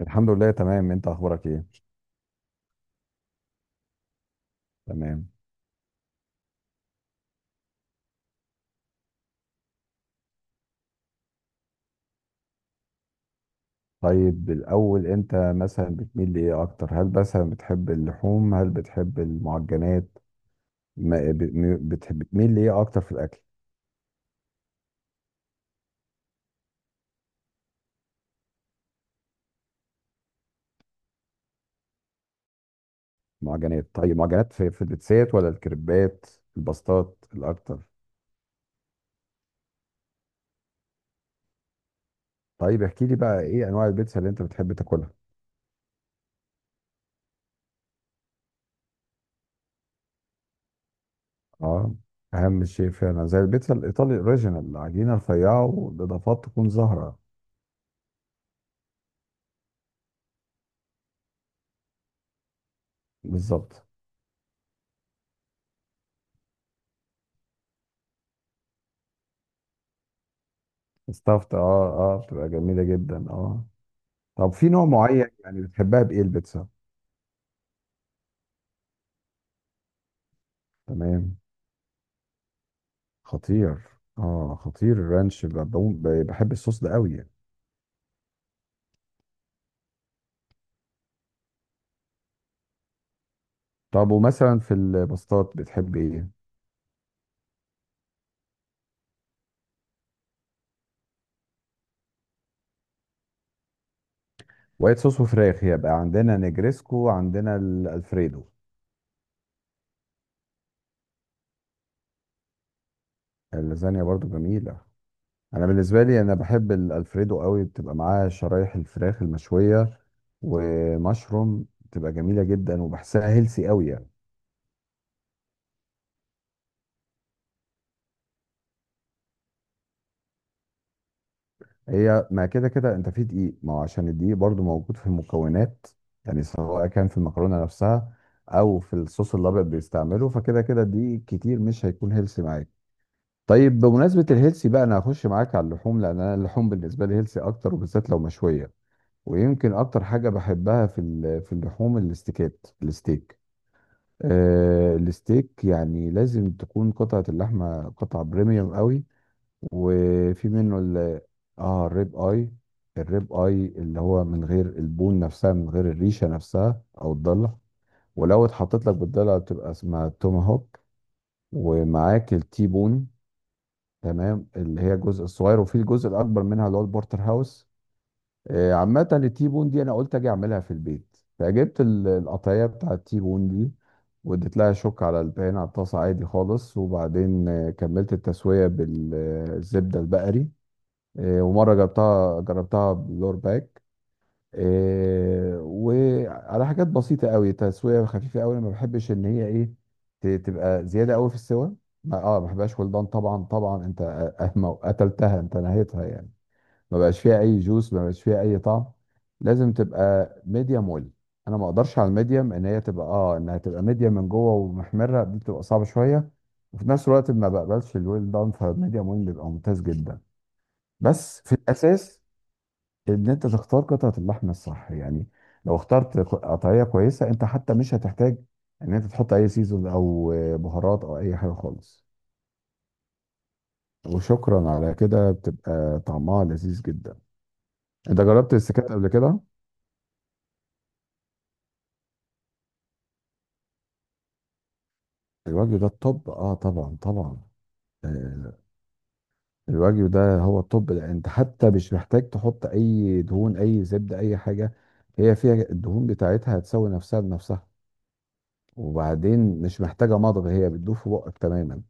الحمد لله، تمام. انت اخبارك ايه؟ تمام. طيب، الاول انت مثلا بتميل لايه اكتر؟ هل مثلا بتحب اللحوم؟ هل بتحب المعجنات؟ ما ب- م- بتحب بتميل لايه اكتر في الاكل؟ معجنات. طيب، معجنات. في البيتزات ولا الكريبات؟ الباستات الاكتر؟ طيب، احكي لي بقى ايه انواع البيتزا اللي انت بتحب تاكلها؟ اه. اهم شيء فعلا زي البيتزا الايطالي الاوريجينال، العجينه رفيعه والاضافات تكون زهره. بالظبط. استفت. اه. اه، بتبقى جميله جدا، اه. طب في نوع معين يعني بتحبها بايه البيتزا؟ تمام. خطير. اه، خطير الرانش. بحب الصوص ده قوي يعني. طب ومثلا في الباستات بتحب ايه؟ وايت صوص وفراخ، يبقى عندنا نجريسكو، عندنا الالفريدو. اللازانيا برضو جميله. انا بالنسبه لي بحب الالفريدو قوي، بتبقى معاه شرايح الفراخ المشويه ومشروم، بتبقى جميله جدا وبحسها هيلسي قوي يعني. هي ما كده كده انت في دقيق، ما هو عشان الدقيق برضو موجود في المكونات. يعني سواء كان في المكرونه نفسها او في الصوص الابيض بيستعمله، فكده كده الدقيق كتير مش هيكون هيلسي معاك. طيب، بمناسبه الهيلسي بقى، انا هخش معاك على اللحوم، لان انا اللحوم بالنسبه لي هيلسي اكتر وبالذات لو مشويه. ويمكن اكتر حاجه بحبها في اللحوم الاستيكات، الستيك. آه، الستيك يعني لازم تكون قطعه اللحمه قطعه بريميوم قوي. وفي منه اه، الريب اي. الريب اي اللي هو من غير البون نفسها، من غير الريشه نفسها او الضلع. ولو اتحطت لك بالضلع بتبقى اسمها توماهوك. ومعاك التي بون. تمام، اللي هي الجزء الصغير، وفي الجزء الاكبر منها اللي هو البورتر هاوس. عامه التي بون دي انا قلت اجي اعملها في البيت، فجبت القطعيه بتاع التي بون دي. واديت لها شوك على البان، على الطاسه عادي خالص، وبعدين كملت التسويه بالزبده البقري. إيه، ومره جربتها بلور باك. إيه، وعلى حاجات بسيطه قوي، تسويه خفيفه قوي، انا ما بحبش ان هي ايه، تبقى زياده قوي في السوى. ما بحبهاش ولدان، طبعا طبعا. انت ما قتلتها، انت نهيتها يعني. ما بقاش فيها اي جوس، ما بقاش فيها اي طعم. لازم تبقى ميديم ويل. انا ما اقدرش على الميديم، ان هي تبقى انها تبقى ميديم من جوه ومحمره، دي بتبقى صعبه شويه. وفي نفس الوقت ما بقبلش الويل دان، فميديم ويل بيبقى ممتاز جدا. بس في الاساس ان انت تختار قطعه اللحم الصح يعني. لو اخترت قطعيه كويسه، انت حتى مش هتحتاج ان انت تحط اي سيزون او بهارات او اي حاجه خالص. وشكرا على كده، بتبقى طعمها لذيذ جدا. انت جربت السكات قبل كده؟ الوجه ده الطب. اه، طبعا طبعا. آه، الوجه ده هو الطب، لأن انت حتى مش محتاج تحط اي دهون، اي زبده، اي حاجه. هي فيها الدهون بتاعتها، هتسوي نفسها بنفسها. وبعدين مش محتاجه مضغ، هي بتدوب في بقك تماما.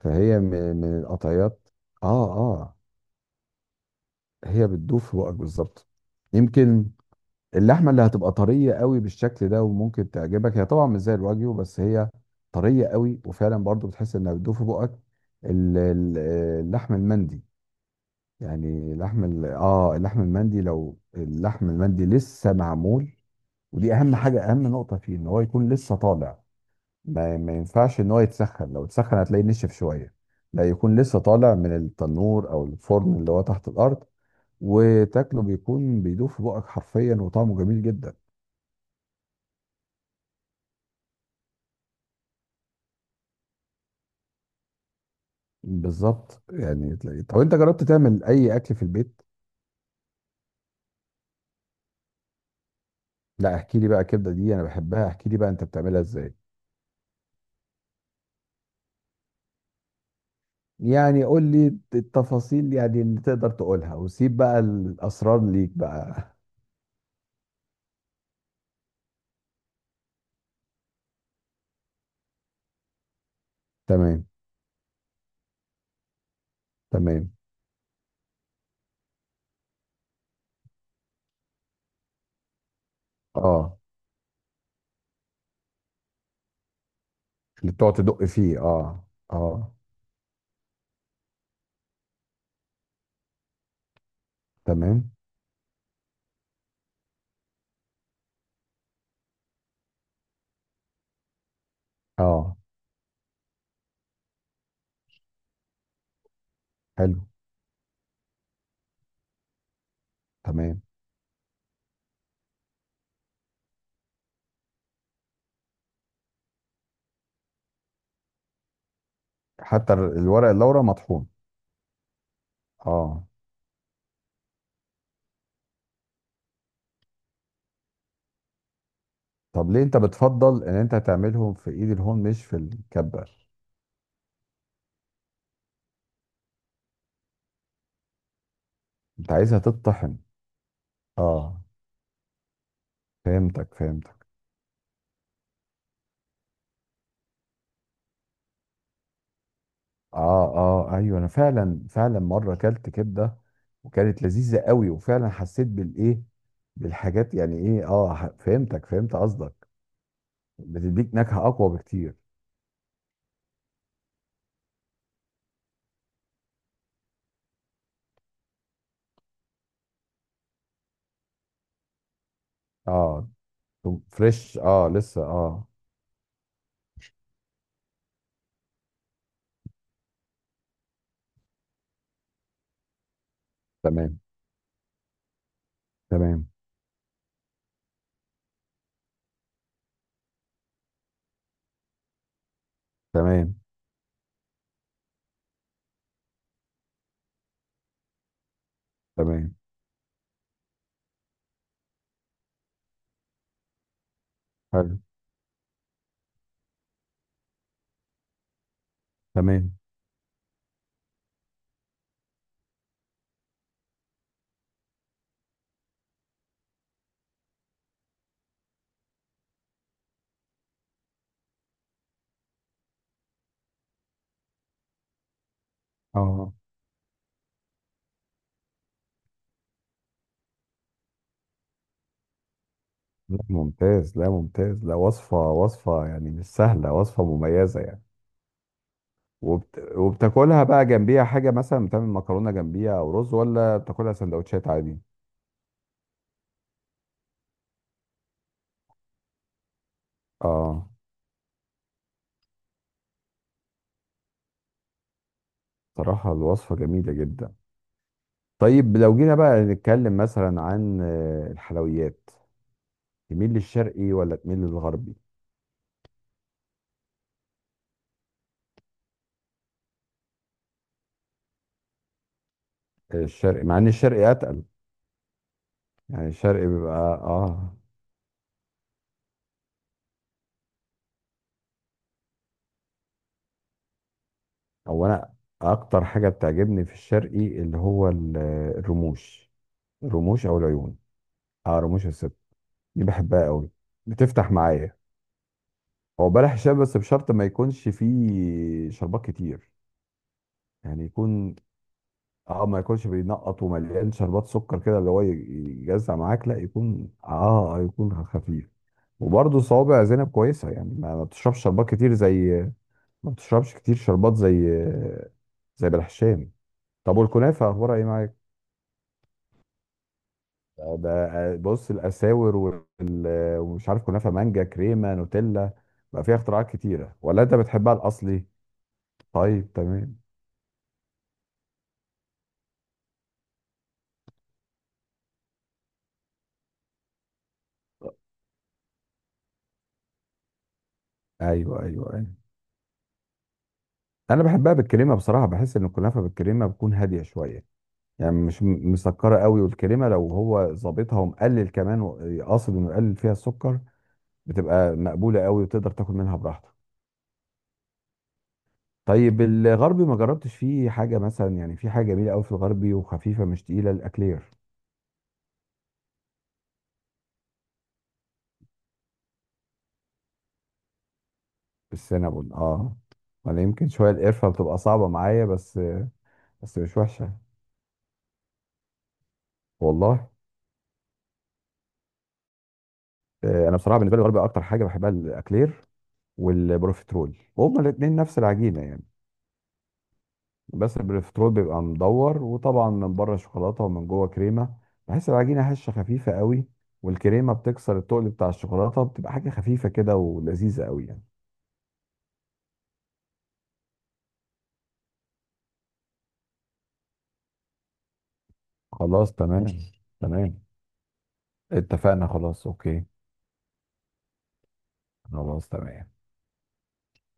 فهي من القطعيات. اه، اه. هي بتدوب في بقك بالظبط. يمكن اللحمه اللي هتبقى طريه قوي بالشكل ده وممكن تعجبك، هي طبعا مش زي الواجيو بس هي طريه قوي، وفعلا برضو بتحس انها بتدوب في بقك. ال- ال- اللحم المندي. يعني لحم ال- اه اللحم المندي، لو اللحم المندي لسه معمول. ودي اهم حاجه، اهم نقطه فيه، ان هو يكون لسه طالع. ما ينفعش ان هو يتسخن، لو اتسخن هتلاقيه نشف شويه. لا، يكون لسه طالع من التنور او الفرن اللي هو تحت الارض. وتاكله بيكون بيدوب في بقك حرفيا، وطعمه جميل جدا. بالظبط يعني تلاقيه. طب انت جربت تعمل اي اكل في البيت؟ لا، احكي لي بقى الكبده دي انا بحبها، احكي لي بقى انت بتعملها ازاي؟ يعني قول لي التفاصيل يعني اللي تقدر تقولها، وسيب بقى الاسرار ليك بقى. تمام. تمام. اه. اللي بتقعد تدق فيه، اه. اه. تمام. اه. حلو. تمام. حتى الورق اللورا مطحون؟ اه. طب ليه انت بتفضل ان انت تعملهم في ايد الهون مش في الكبه؟ انت عايزها تتطحن؟ اه، فهمتك فهمتك. اه، اه، ايوه، انا فعلا فعلا مره اكلت كبده وكانت لذيذه قوي، وفعلا حسيت بالايه، بالحاجات يعني، ايه، فهمتك، فهمت قصدك. بتديك نكهه اقوى بكتير. اه. طب فريش؟ اه، لسه؟ اه. تمام. تمام. تمام. تمام. حلو. تمام. اه. لا، ممتاز، لا ممتاز، لا، وصفة وصفة يعني مش سهلة، وصفة مميزة يعني. وبتاكلها بقى جنبيها حاجة، مثلا بتعمل مكرونة جنبيها أو رز، ولا بتاكلها سندوتشات عادي؟ آه. صراحة الوصفة جميلة جدا. طيب لو جينا بقى نتكلم مثلا عن الحلويات. تميل للشرقي ولا تميل للغربي؟ الشرقي، مع إن الشرقي أتقل. يعني الشرقي بيبقى أو أنا أكتر حاجة بتعجبني في الشرقي اللي هو الرموش. الرموش أو العيون. حرموش الست. دي بحبها قوي. بتفتح معايا. هو بلح الشام، بس بشرط ما يكونش فيه شربات كتير. يعني يكون، اه، ما يكونش بينقط ومليان شربات سكر كده اللي هو يجزع معاك. لا يكون يكون خفيف. وبرضه صوابع زينب كويسه يعني، ما بتشربش شربات كتير زي، ما بتشربش كتير شربات زي، زي بلح الشام. طب والكنافه اخبارها ايه معاك؟ ده بص، الاساور ومش عارف، كنافه مانجا، كريمه، نوتيلا، بقى فيها اختراعات كتيره، ولا انت بتحبها الاصلي؟ طيب، تمام. ايوه، ايوه، ايوه. انا بحبها بالكريمه بصراحه، بحس ان الكنافه بالكريمه بتكون هاديه شويه. يعني مش مسكره قوي، والكريمه لو هو ظابطها ومقلل كمان قاصد انه يقلل فيها السكر، بتبقى مقبوله قوي وتقدر تاكل منها براحتك. طيب الغربي ما جربتش فيه حاجه مثلا؟ يعني في حاجه جميله قوي في الغربي وخفيفه مش تقيله، الاكلير. السينابون، اه. انا يمكن شويه القرفه بتبقى صعبه معايا بس. بس مش وحشه. والله. انا بصراحه بالنسبه لي الغربي اكتر حاجه بحبها الاكلير والبروفيترول، وهما الاثنين نفس العجينه يعني. بس البروفيترول بيبقى مدور، وطبعا من بره شوكولاته ومن جوه كريمه. بحس العجينه هشه خفيفه قوي، والكريمه بتكسر التقل بتاع الشوكولاته، بتبقى حاجه خفيفه كده ولذيذه قوي يعني. خلاص، تمام. تمام. اتفقنا، خلاص، اوكي. خلاص، تمام.